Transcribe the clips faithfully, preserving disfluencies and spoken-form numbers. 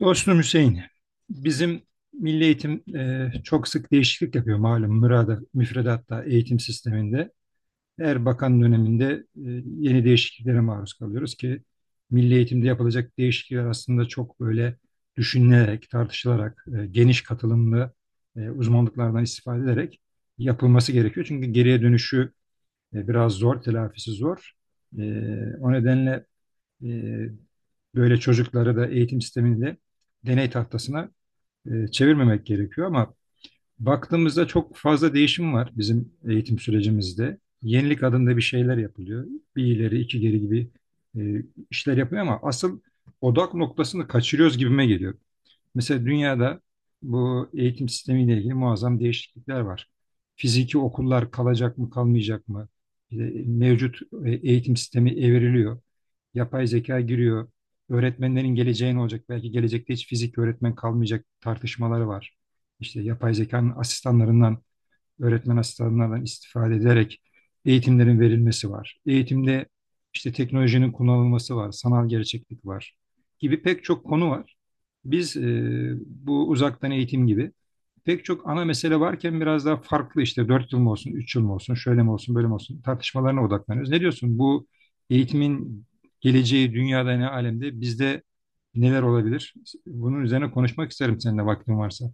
Dostum Hüseyin, bizim Milli Eğitim e, çok sık değişiklik yapıyor malum mürada, müfredatta eğitim sisteminde. Her bakan döneminde e, yeni değişikliklere maruz kalıyoruz ki Milli Eğitim'de yapılacak değişiklikler aslında çok böyle düşünülerek, tartışılarak, e, geniş katılımlı e, uzmanlıklardan istifade ederek yapılması gerekiyor. Çünkü geriye dönüşü e, biraz zor, telafisi zor. E, O nedenle e, böyle çocukları da eğitim sisteminde deney tahtasına e, çevirmemek gerekiyor ama baktığımızda çok fazla değişim var bizim eğitim sürecimizde. Yenilik adında bir şeyler yapılıyor. Bir ileri iki geri gibi e, işler yapılıyor ama asıl odak noktasını kaçırıyoruz gibime geliyor. Mesela dünyada bu eğitim sistemiyle ilgili muazzam değişiklikler var. Fiziki okullar kalacak mı kalmayacak mı? E, Mevcut e, eğitim sistemi evriliyor. Yapay zeka giriyor. Öğretmenlerin geleceği ne olacak? Belki gelecekte hiç fizik öğretmen kalmayacak tartışmaları var. İşte yapay zekanın asistanlarından öğretmen asistanlarından istifade ederek eğitimlerin verilmesi var. Eğitimde işte teknolojinin kullanılması var, sanal gerçeklik var gibi pek çok konu var. Biz e, bu uzaktan eğitim gibi pek çok ana mesele varken biraz daha farklı işte dört yıl mı olsun, üç yıl mı olsun, şöyle mi olsun, böyle mi olsun tartışmalarına odaklanıyoruz. Ne diyorsun bu eğitimin geleceği dünyada ne alemde bizde neler olabilir? Bunun üzerine konuşmak isterim seninle vaktin varsa.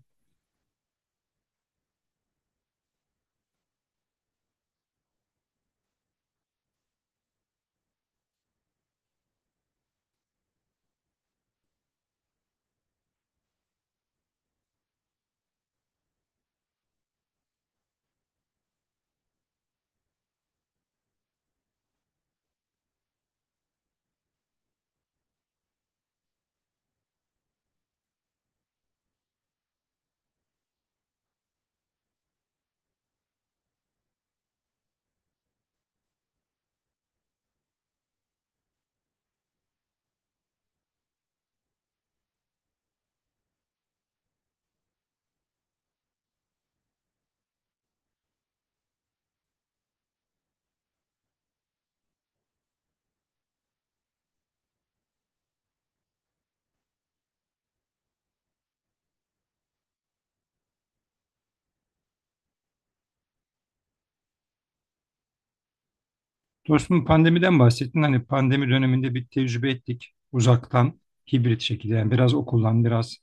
Dostum pandemiden bahsettin. Hani pandemi döneminde bir tecrübe ettik uzaktan hibrit şekilde. Yani biraz okuldan, biraz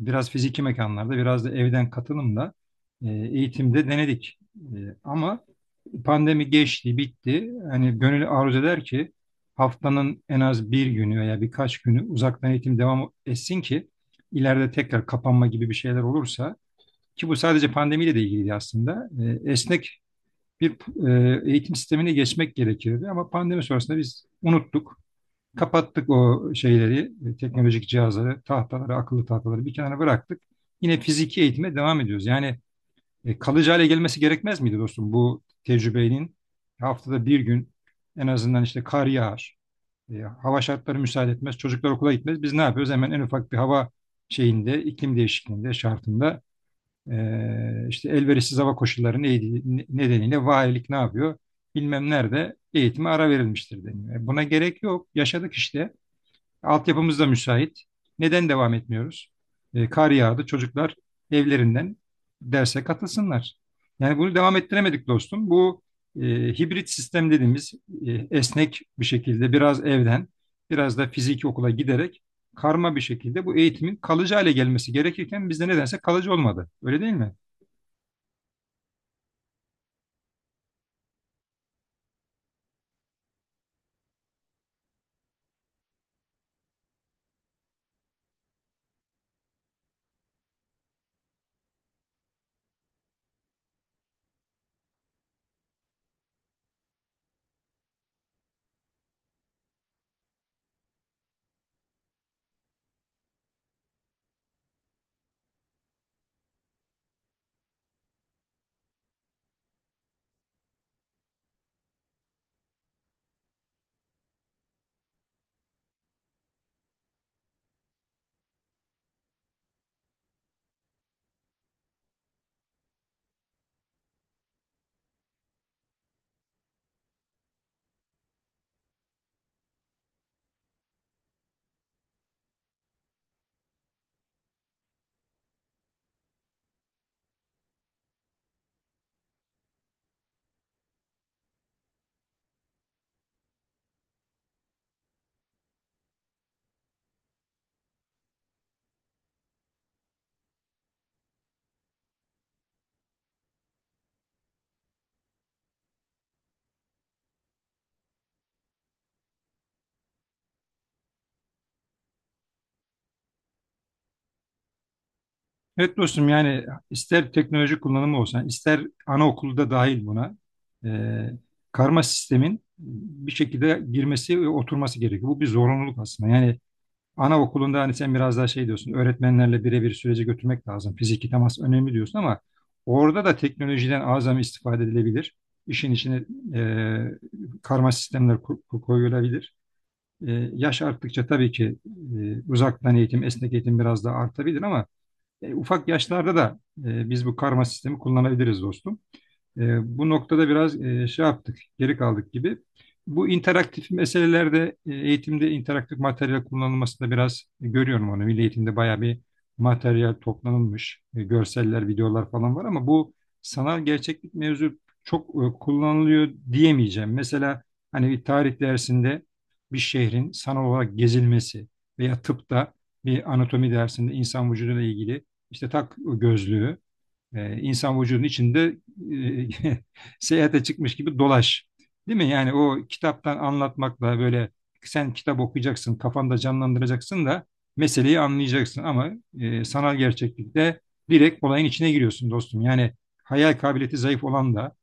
biraz fiziki mekanlarda, biraz da evden katılımla e, eğitimde denedik. E, ama pandemi geçti, bitti. Hani gönül arzu eder ki haftanın en az bir günü veya birkaç günü uzaktan eğitim devam etsin ki ileride tekrar kapanma gibi bir şeyler olursa ki bu sadece pandemiyle de ilgili aslında. E, esnek bir e, eğitim sistemine geçmek gerekirdi ama pandemi sonrasında biz unuttuk. Kapattık o şeyleri, e, teknolojik cihazları, tahtaları, akıllı tahtaları bir kenara bıraktık. Yine fiziki eğitime devam ediyoruz. Yani e, kalıcı hale gelmesi gerekmez miydi dostum bu tecrübenin? Haftada bir gün en azından işte kar yağar, e, hava şartları müsaade etmez, çocuklar okula gitmez. Biz ne yapıyoruz? Hemen en ufak bir hava şeyinde, iklim değişikliğinde, şartında ee, işte elverişsiz hava koşulları nedeniyle valilik ne yapıyor? Bilmem nerede eğitime ara verilmiştir deniyor. E, Buna gerek yok. Yaşadık işte. Altyapımız da müsait. Neden devam etmiyoruz? E, kar yağdı. Çocuklar evlerinden derse katılsınlar. Yani bunu devam ettiremedik dostum. Bu e, hibrit sistem dediğimiz e, esnek bir şekilde biraz evden, biraz da fiziki okula giderek karma bir şekilde bu eğitimin kalıcı hale gelmesi gerekirken bizde nedense kalıcı olmadı. Öyle değil mi? Evet dostum yani ister teknoloji kullanımı olsun, yani ister anaokulda dahil buna e, karma sistemin bir şekilde girmesi ve oturması gerekiyor. Bu bir zorunluluk aslında. Yani anaokulunda hani sen biraz daha şey diyorsun, öğretmenlerle birebir süreci götürmek lazım. Fiziki temas önemli diyorsun ama orada da teknolojiden azami istifade edilebilir. İşin içine e, karma sistemler ko- ko- koyulabilir. E, yaş arttıkça tabii ki e, uzaktan eğitim, esnek eğitim biraz daha artabilir ama e, ufak yaşlarda da e, biz bu karma sistemi kullanabiliriz dostum. E, Bu noktada biraz e, şey yaptık, geri kaldık gibi. Bu interaktif meselelerde e, eğitimde interaktif materyal kullanılmasında biraz görüyorum onu. Milli eğitimde bayağı bir materyal toplanılmış. E, görseller, videolar falan var ama bu sanal gerçeklik mevzu çok e, kullanılıyor diyemeyeceğim. Mesela hani bir tarih dersinde bir şehrin sanal olarak gezilmesi veya tıpta bir anatomi dersinde insan vücuduyla ilgili işte tak gözlüğü ee, insan vücudunun içinde e, seyahate çıkmış gibi dolaş. Değil mi? Yani o kitaptan anlatmakla böyle sen kitap okuyacaksın, kafanda canlandıracaksın da meseleyi anlayacaksın ama e, sanal gerçeklikte direkt olayın içine giriyorsun dostum. Yani hayal kabiliyeti zayıf olan da,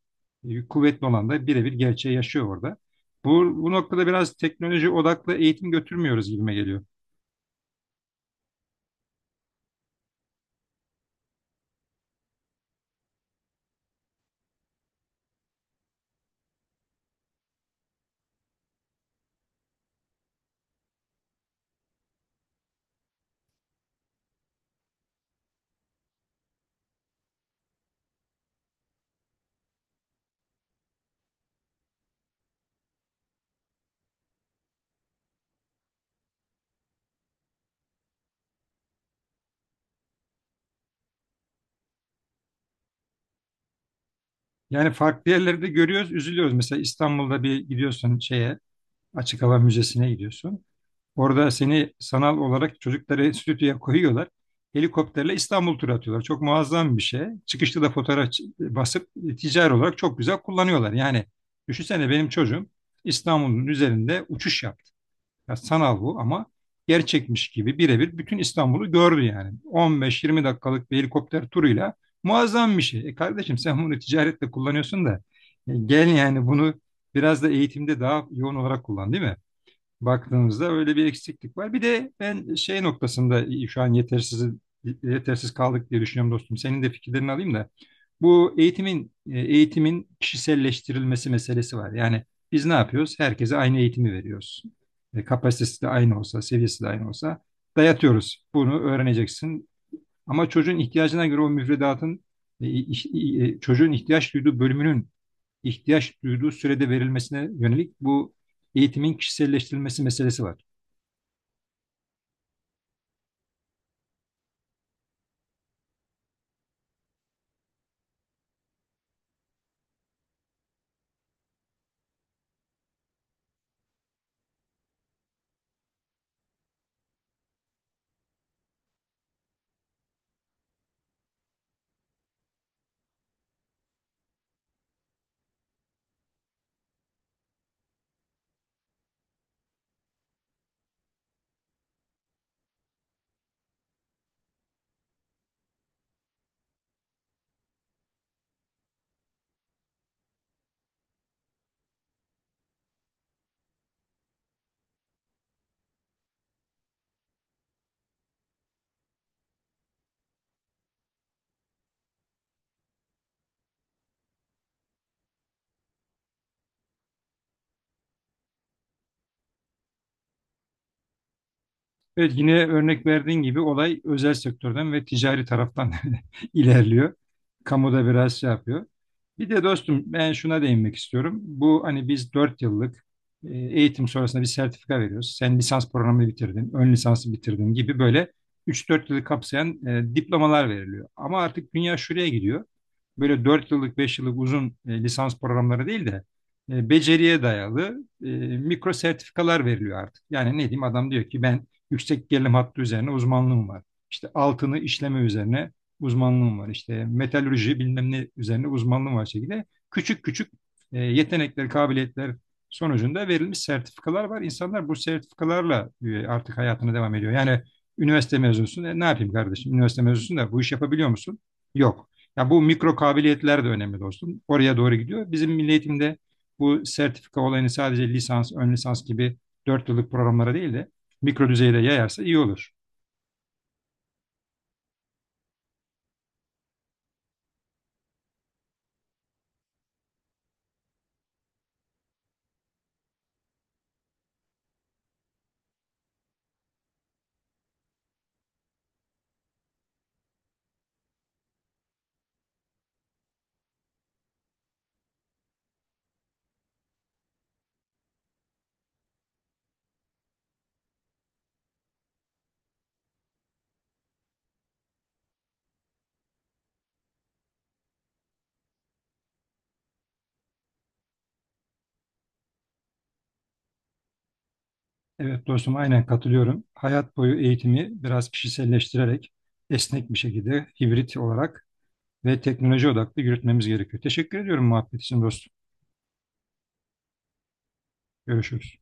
e, kuvvetli olan da birebir gerçeği yaşıyor orada. Bu, bu noktada biraz teknoloji odaklı eğitim götürmüyoruz gibime geliyor. Yani farklı yerlerde görüyoruz, üzülüyoruz. Mesela İstanbul'da bir gidiyorsun şeye, açık hava müzesine gidiyorsun. Orada seni sanal olarak çocukları stüdyoya koyuyorlar. Helikopterle İstanbul turu atıyorlar. Çok muazzam bir şey. Çıkışta da fotoğraf ç- basıp e, ticari olarak çok güzel kullanıyorlar. Yani düşünsene benim çocuğum İstanbul'un üzerinde uçuş yaptı. Ya sanal bu ama gerçekmiş gibi birebir bütün İstanbul'u gördü yani. on beş yirmi dakikalık bir helikopter turuyla muazzam bir şey. E kardeşim sen bunu ticaretle kullanıyorsun da e, gel yani bunu biraz da eğitimde daha yoğun olarak kullan değil mi? Baktığımızda öyle bir eksiklik var. Bir de ben şey noktasında şu an yetersiz yetersiz kaldık diye düşünüyorum dostum. Senin de fikirlerini alayım da. Bu eğitimin eğitimin kişiselleştirilmesi meselesi var. Yani biz ne yapıyoruz? Herkese aynı eğitimi veriyoruz. E, kapasitesi de aynı olsa, seviyesi de aynı olsa dayatıyoruz. Bunu öğreneceksin. Ama çocuğun ihtiyacına göre o müfredatın e, iş- e, e, çocuğun ihtiyaç duyduğu bölümünün ihtiyaç duyduğu sürede verilmesine yönelik bu eğitimin kişiselleştirilmesi meselesi var. Evet, yine örnek verdiğin gibi olay özel sektörden ve ticari taraftan ilerliyor. Kamuda biraz şey yapıyor. Bir de dostum ben şuna değinmek istiyorum. Bu hani biz dört yıllık e, eğitim sonrasında bir sertifika veriyoruz. Sen lisans programını bitirdin, ön lisansı bitirdin gibi böyle üç dört yılı kapsayan e, diplomalar veriliyor. Ama artık dünya şuraya gidiyor. Böyle dört yıllık, beş yıllık uzun e, lisans programları değil de e, beceriye dayalı e, mikro sertifikalar veriliyor artık. Yani ne diyeyim adam diyor ki ben yüksek gerilim hattı üzerine uzmanlığım var. İşte altını işleme üzerine uzmanlığım var. İşte metalürji bilmem ne üzerine uzmanlığım var şekilde. Küçük küçük e, yetenekler, kabiliyetler sonucunda verilmiş sertifikalar var. İnsanlar bu sertifikalarla e, artık hayatına devam ediyor. Yani üniversite mezunsun. E, ne yapayım kardeşim? Üniversite mezunsun da bu iş yapabiliyor musun? Yok. Ya bu mikro kabiliyetler de önemli dostum. Oraya doğru gidiyor. Bizim milli eğitimde bu sertifika olayını sadece lisans, ön lisans gibi dört yıllık programlara değil de mikro düzeyde yayarsa iyi olur. Evet dostum aynen katılıyorum. Hayat boyu eğitimi biraz kişiselleştirerek esnek bir şekilde hibrit olarak ve teknoloji odaklı yürütmemiz gerekiyor. Teşekkür ediyorum muhabbet için dostum. Görüşürüz.